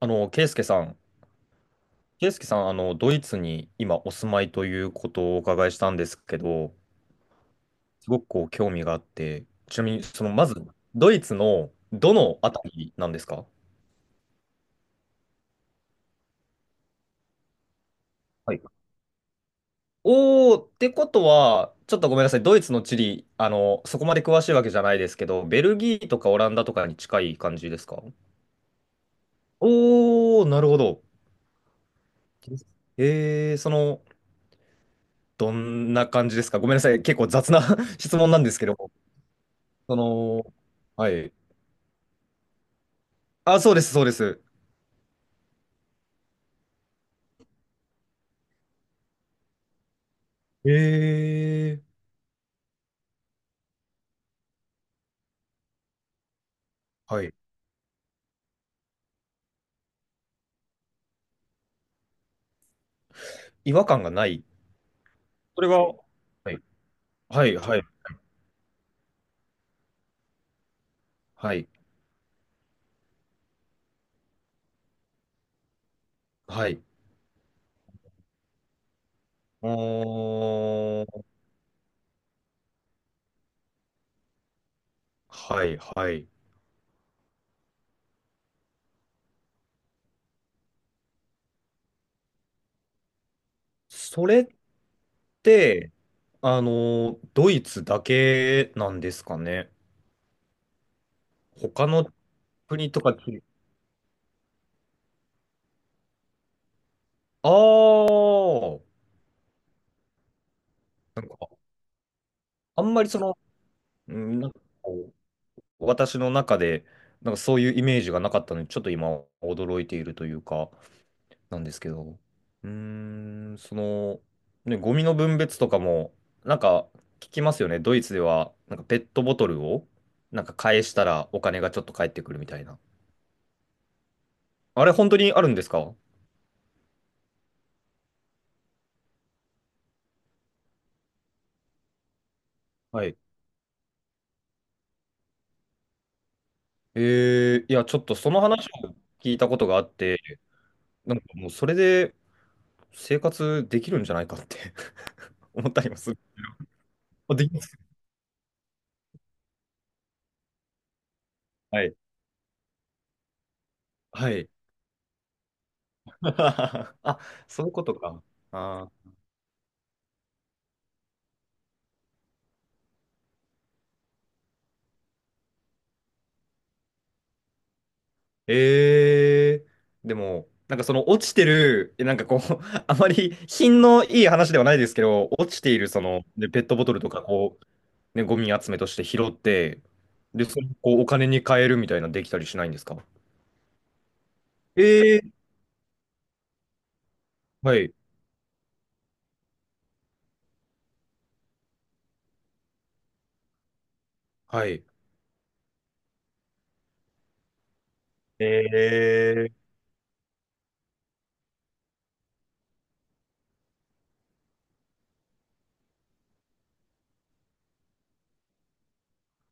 ケイスケさん、ドイツに今お住まいということをお伺いしたんですけど、すごくこう興味があって、ちなみに、まず、ドイツのどのあたりなんですか？はい。おー、ってことは、ちょっとごめんなさい、ドイツの地理、そこまで詳しいわけじゃないですけど、ベルギーとかオランダとかに近い感じですか？おー、なるほど。えー、その、どんな感じですか？ごめんなさい、結構雑な 質問なんですけど、その、はい。あ、そうです、そうです。ええ。はい。違和感がない。それは、はい、はい、はい、はい、はい。おー。はい、はい。それって、ドイツだけなんですかね。他の国とかあーなんか、あんまりうんなんかこう私の中で、なんかそういうイメージがなかったので、ちょっと今、驚いているというか。なんですけど、うーん、その、ね、ゴミの分別とかも、なんか聞きますよね。ドイツでは、なんかペットボトルを、なんか返したらお金がちょっと返ってくるみたいな。あれ、本当にあるんですか？はい。いや、ちょっとその話を聞いたことがあって、なんかもうそれで生活できるんじゃないかって 思ったりもする。あ、できます。はい。はい。あ、そういうことか。あー。ええ。でも、なんかその落ちてる、なんかこう、あまり品のいい話ではないですけど、落ちているで、ペットボトルとかこう、ね、ゴミ集めとして拾って、で、それをこうお金に換えるみたいなできたりしないんですか？ええ。はい、はい。ええ。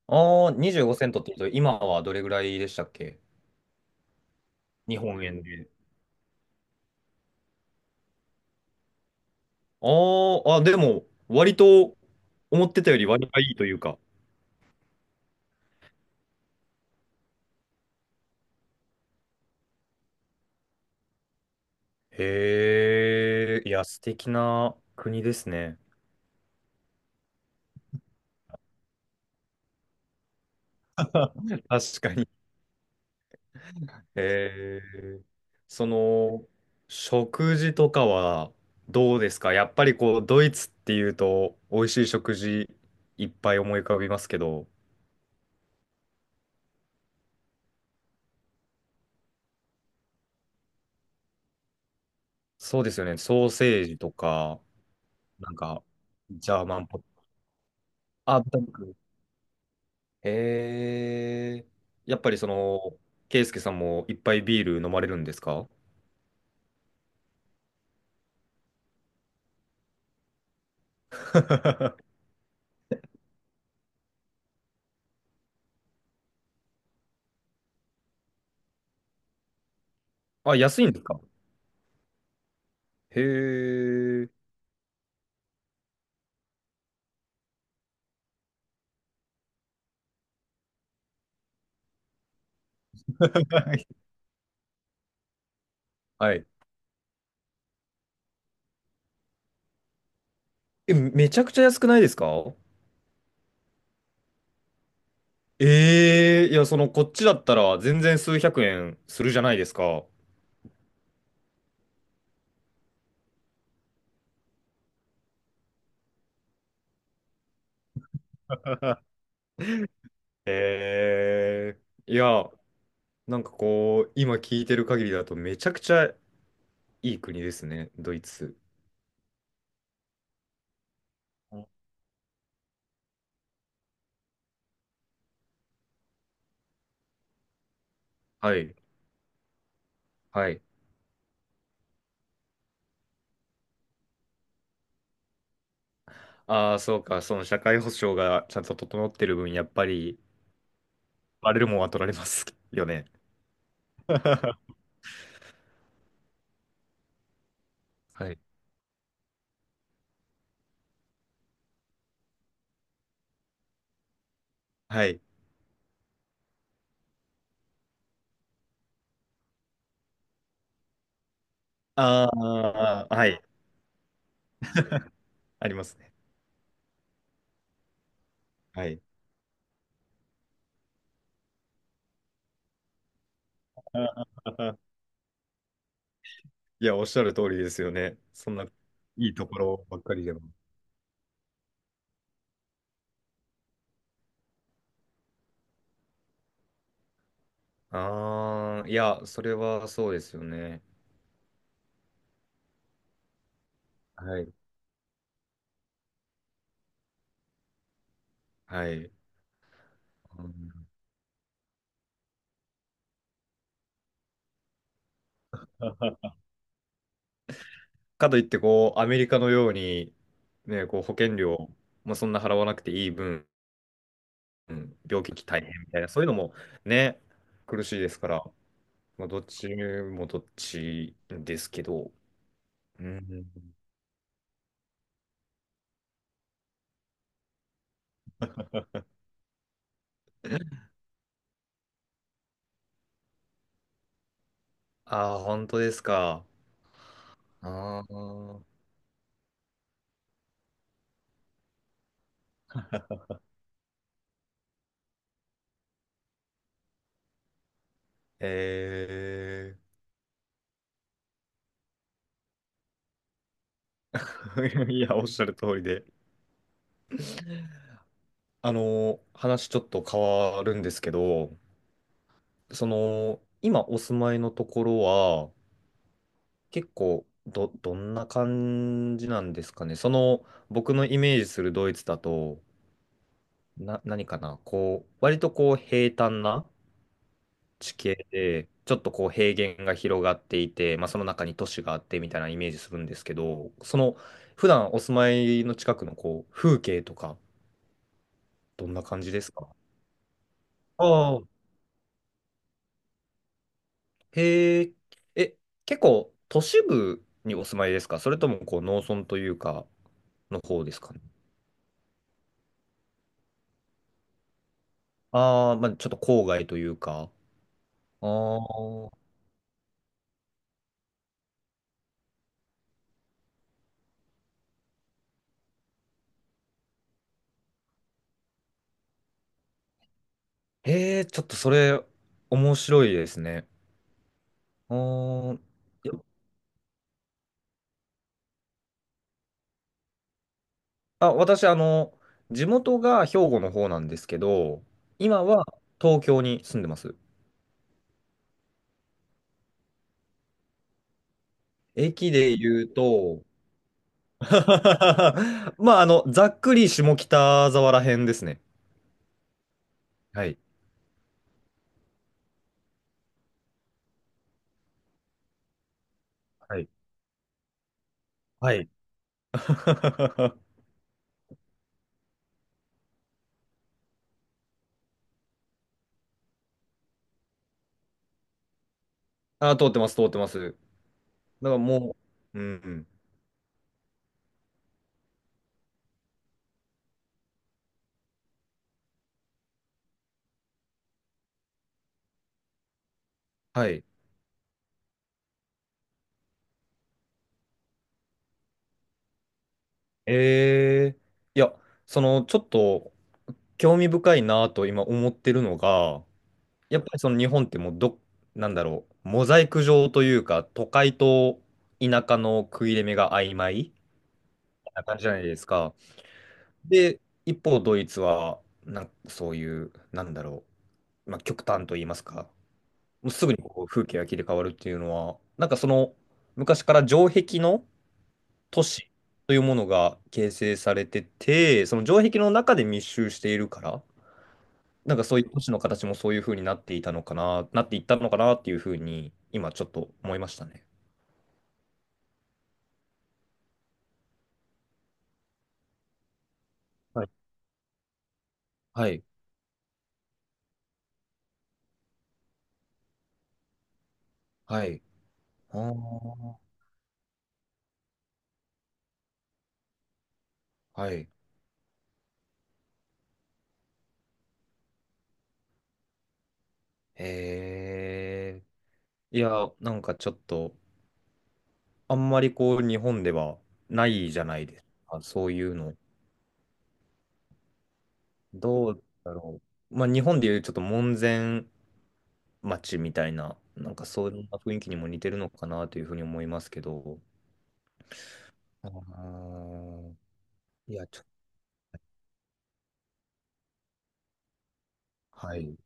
ああー、25セントって言うと、今はどれぐらいでしたっけ？日本円で。あーあ、でも、割と思ってたより割がいいというか。へえ、いや、素敵な国ですね。確かに。へえ。その、食事とかはどうですか？やっぱりこう、ドイツっていうと、美味しい食事いっぱい思い浮かびますけど、そうですよね。ソーセージとか、なんか、ジャーマンポッ、あ、豚肉。へえ。やっぱりケイスケさんもいっぱいビール飲まれるんですか？ あ、安いんですか？へえ。はい。はい。え、めちゃくちゃ安くないですか？ええ。いや、こっちだったら全然数百円するじゃないですか。ええ。いや、なんかこう、今聞いてる限りだとめちゃくちゃいい国ですね、ドイツ。はい、はい。ああ、そうか、その社会保障がちゃんと整ってる分、やっぱり、バレるもんは取られますよね。はい。はい。ああ、はい。ありますね。はい。いや、おっしゃる通りですよね。そんな、いいところばっかりでも。ああ、いや、それはそうですよね。はい。はい。うん。かといって、こう、アメリカのように、ね、こう、保険料、まあ、そんな払わなくていい分、うん病気大変みたいな、そういうのも、ね、苦しいですから、まあ、どっちもどっちですけど。うん。ああ、本当ですか。ああ、ええ いや、おっしゃる通りで。話ちょっと変わるんですけど、その、今お住まいのところは、結構、どんな感じなんですかね。僕のイメージするドイツだと、何かな、こう、割とこう、平坦な地形で、ちょっとこう、平原が広がっていて、まあ、その中に都市があってみたいなイメージするんですけど、普段お住まいの近くのこう、風景とか、どんな感じですか？ああ。へえ。え、結構都市部にお住まいですか？それともこう農村というか、の方ですかね。ああ、まあちょっと郊外というか。ああ、へえ、ちょっとそれ面白いですね。あー。いや、あ、私、地元が兵庫の方なんですけど、今は東京に住んでます。駅で言うと、まあ、ざっくり下北沢ら辺ですね。はい。はい。はい。ああ、通ってます、通ってます。だからもう、うん、うん。はい。えー、いや、ちょっと、興味深いなと今思ってるのが、やっぱりその日本ってもうなんだろう、モザイク状というか、都会と田舎の食い入れ目が曖昧な感じじゃないですか。で、一方、ドイツは、そういう、なんだろう、まあ、極端と言いますか、もうすぐにこう風景が切り替わるっていうのは、なんか昔から城壁の、都市というものが形成されてて、その城壁の中で密集しているから、なんかそういう都市の形もそういう風になっていたのかな、なっていったのかなっていう風に、今ちょっと思いましたね。はい。はい。はい。あー。はい。ええ。いや、なんかちょっと、あんまりこう、日本ではないじゃないですか、そういうの。どうだろう。まあ、日本でいうちょっと門前街みたいな、なんかそういう雰囲気にも似てるのかなというふうに思いますけど。あー。いや、はい。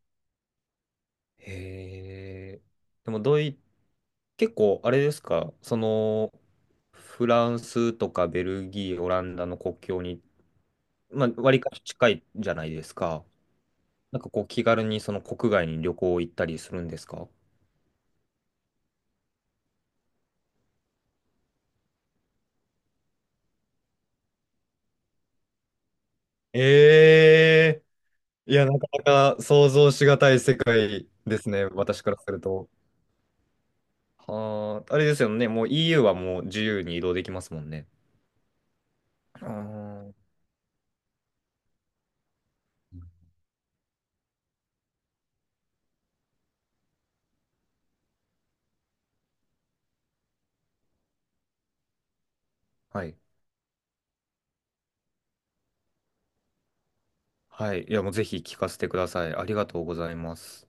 へえ。でも結構あれですか、フランスとかベルギー、オランダの国境に、まあ、割かし近いじゃないですか。なんかこう気軽にその国外に旅行行ったりするんですか？ええ。いや、なかなか想像しがたい世界ですね、私からすると。はあ、あれですよね。もう EU はもう自由に移動できますもんね。あー。はい。はい。いや、もうぜひ聞かせてください。ありがとうございます。